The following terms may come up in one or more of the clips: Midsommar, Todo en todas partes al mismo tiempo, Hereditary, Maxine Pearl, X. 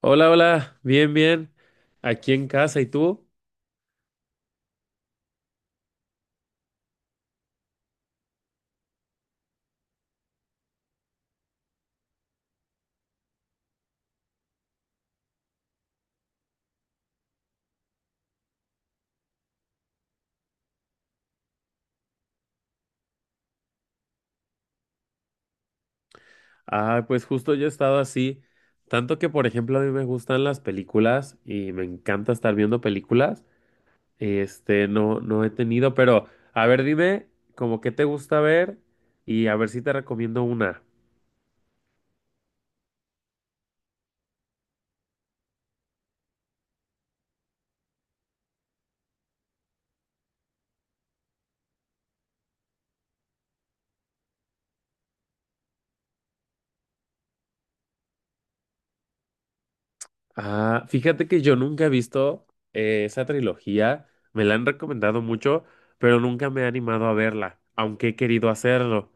Hola, hola, bien, bien. Aquí en casa, ¿y tú? Ah, pues justo yo he estado así, tanto que por ejemplo a mí me gustan las películas y me encanta estar viendo películas. No, no he tenido, pero a ver, dime, como qué te gusta ver y a ver si te recomiendo una. Ah, fíjate que yo nunca he visto esa trilogía, me la han recomendado mucho, pero nunca me he animado a verla, aunque he querido hacerlo.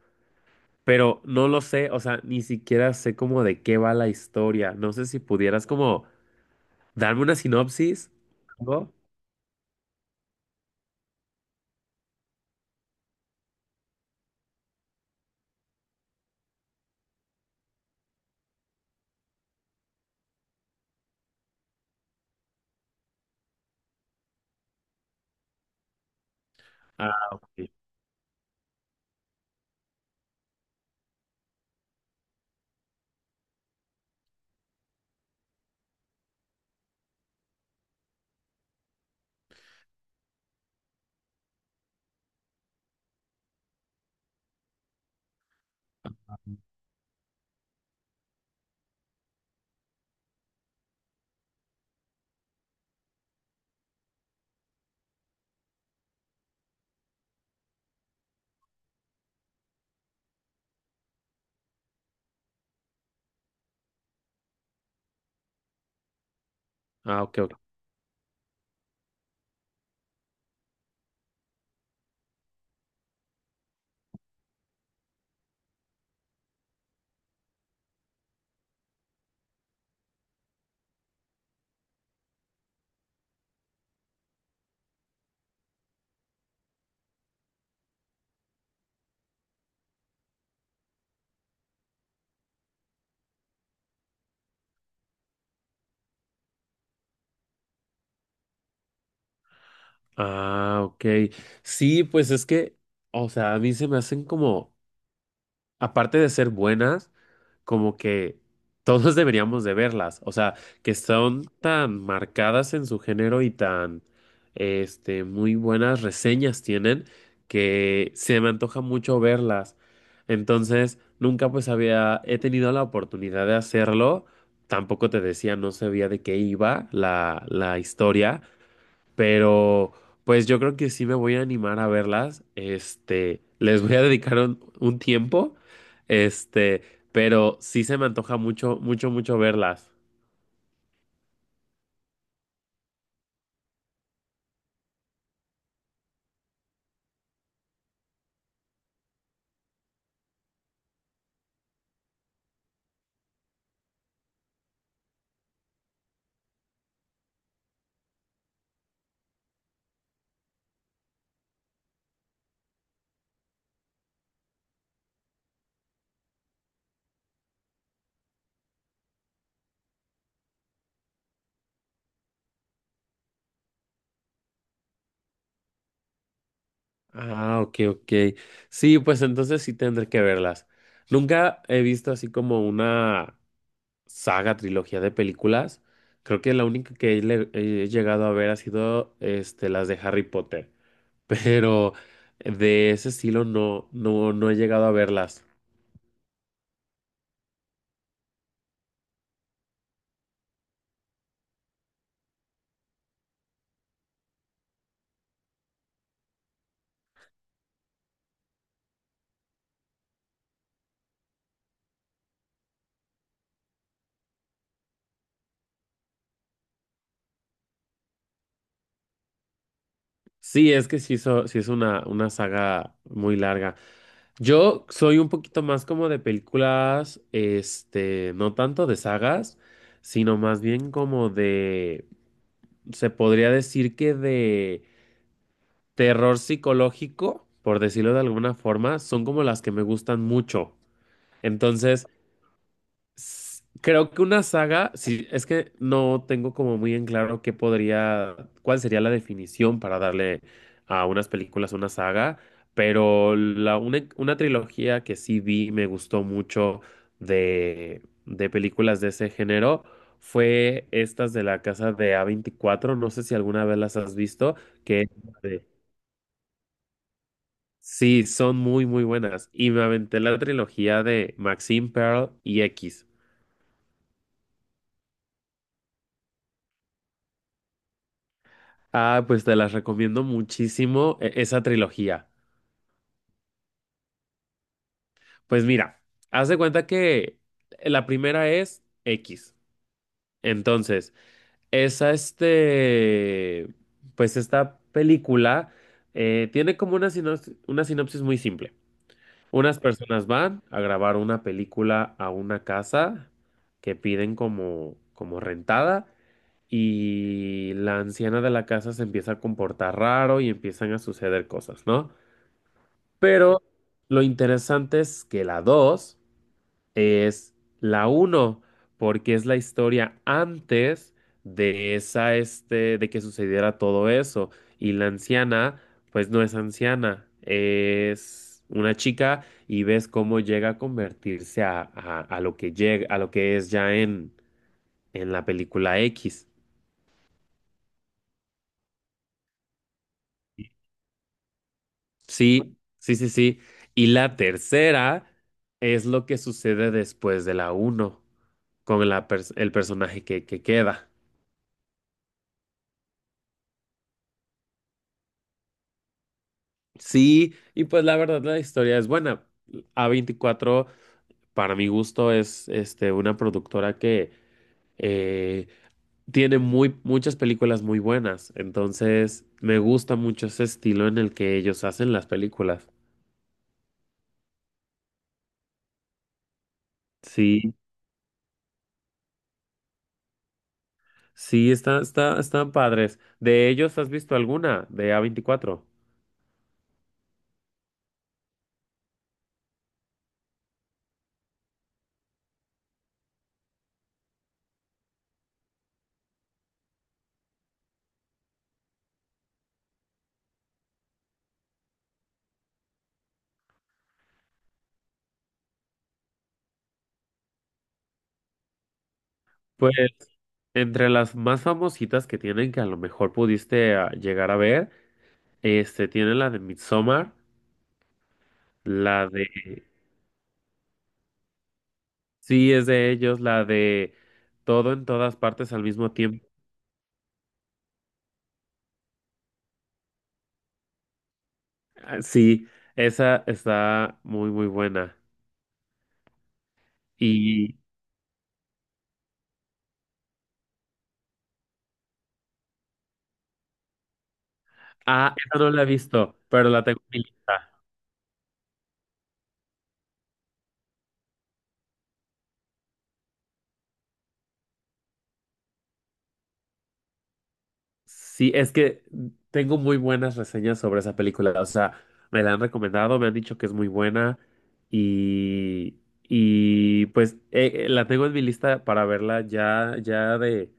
Pero no lo sé, o sea, ni siquiera sé como de qué va la historia. No sé si pudieras como darme una sinopsis. ¿No? Ah, ok. Ah, ok, ok. Ah, ok. Sí, pues es que, o sea, a mí se me hacen como aparte de ser buenas, como que todos deberíamos de verlas, o sea, que son tan marcadas en su género y tan, muy buenas reseñas tienen que se me antoja mucho verlas. Entonces, nunca pues he tenido la oportunidad de hacerlo. Tampoco te decía, no sabía de qué iba la historia, pero pues yo creo que sí me voy a animar a verlas. Les voy a dedicar un tiempo. Este, pero sí se me antoja mucho, mucho, mucho verlas. Ah, ok, ok. Sí, pues entonces sí tendré que verlas. Nunca he visto así como una saga, trilogía de películas. Creo que la única que he llegado a ver ha sido las de Harry Potter. Pero de ese estilo no, no, no he llegado a verlas. Sí, es que sí, sí es una saga muy larga. Yo soy un poquito más como de películas, no tanto de sagas, sino más bien como de, se podría decir que de terror psicológico, por decirlo de alguna forma, son como las que me gustan mucho. Entonces, creo que una saga, sí, es que no tengo como muy en claro qué podría, cuál sería la definición para darle a unas películas una saga, pero una trilogía que sí vi, y me gustó mucho de películas de ese género, fue estas de la casa de a veinticuatro. No sé si alguna vez las has visto, que sí, son muy, muy buenas. Y me aventé la trilogía de Maxine Pearl y X. Ah, pues te las recomiendo muchísimo esa trilogía. Pues mira, haz de cuenta que la primera es X. Entonces, esa este, pues esta película tiene como una sinopsis muy simple. Unas personas van a grabar una película a una casa que piden como rentada. Y la anciana de la casa se empieza a comportar raro y empiezan a suceder cosas, ¿no? Pero lo interesante es que la 2 es la uno porque es la historia antes de esa, de que sucediera todo eso. Y la anciana, pues no es anciana, es una chica y ves cómo llega a convertirse a lo que llega, a lo que es ya en la película X. Sí, sí, sí, sí. Y la tercera es lo que sucede después de la uno con el personaje que queda. Sí, y pues la verdad la historia es buena. A veinticuatro para mi gusto, es una productora que eh, tiene muchas películas muy buenas. Entonces, me gusta mucho ese estilo en el que ellos hacen las películas. Sí, sí, están padres. ¿De ellos has visto alguna de A veinticuatro? Pues entre las más famositas que tienen, que a lo mejor pudiste llegar a ver, tienen la de Midsommar, la de. Sí, es de ellos, la de Todo en todas partes al mismo tiempo. Ah, sí, esa está muy, muy buena. Y. Ah, esa no la he visto, pero la tengo en mi lista. Sí, es que tengo muy buenas reseñas sobre esa película. O sea, me la han recomendado, me han dicho que es muy buena y, y pues la tengo en mi lista para verla ya, ya de,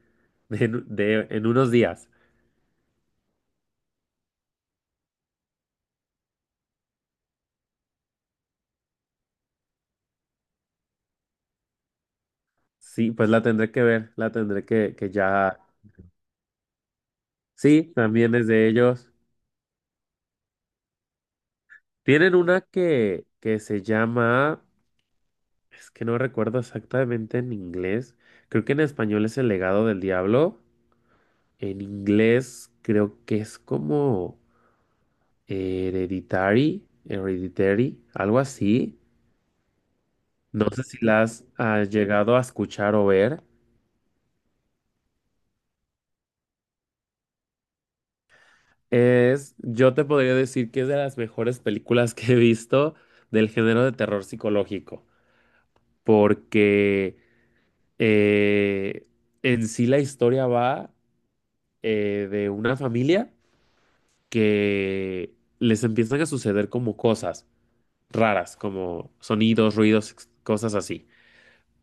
de, en- de- en unos días. Sí, pues la tendré que ver, la tendré que ya. Sí, también es de ellos. Tienen una que se llama, es que no recuerdo exactamente en inglés, creo que en español es El legado del diablo. En inglés creo que es como hereditary, hereditary, algo así. No sé si las has llegado a escuchar o ver. Yo te podría decir que es de las mejores películas que he visto del género de terror psicológico, porque eh, en sí la historia va de una familia que les empiezan a suceder como cosas raras, como sonidos, ruidos, cosas así.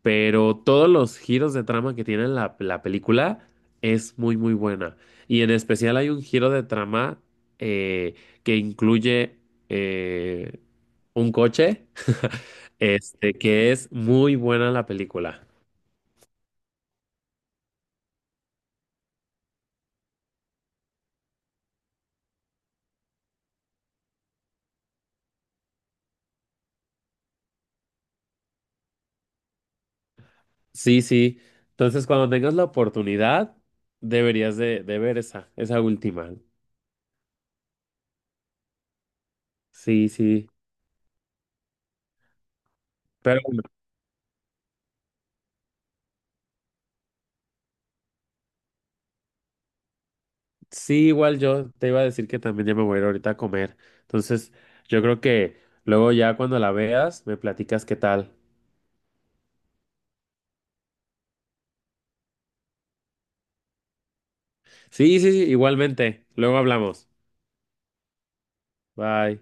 Pero todos los giros de trama que tiene la película es muy, muy buena. Y en especial hay un giro de trama eh, que incluye eh, un coche, que es muy buena la película. Sí, sí. Entonces, cuando tengas la oportunidad, deberías de ver esa última. Sí, sí. Pero sí, igual yo te iba a decir que también ya me voy a ir ahorita a comer. Entonces, yo creo que luego ya cuando la veas, me platicas qué tal. Sí, sí, sí, igualmente. Luego hablamos. Bye.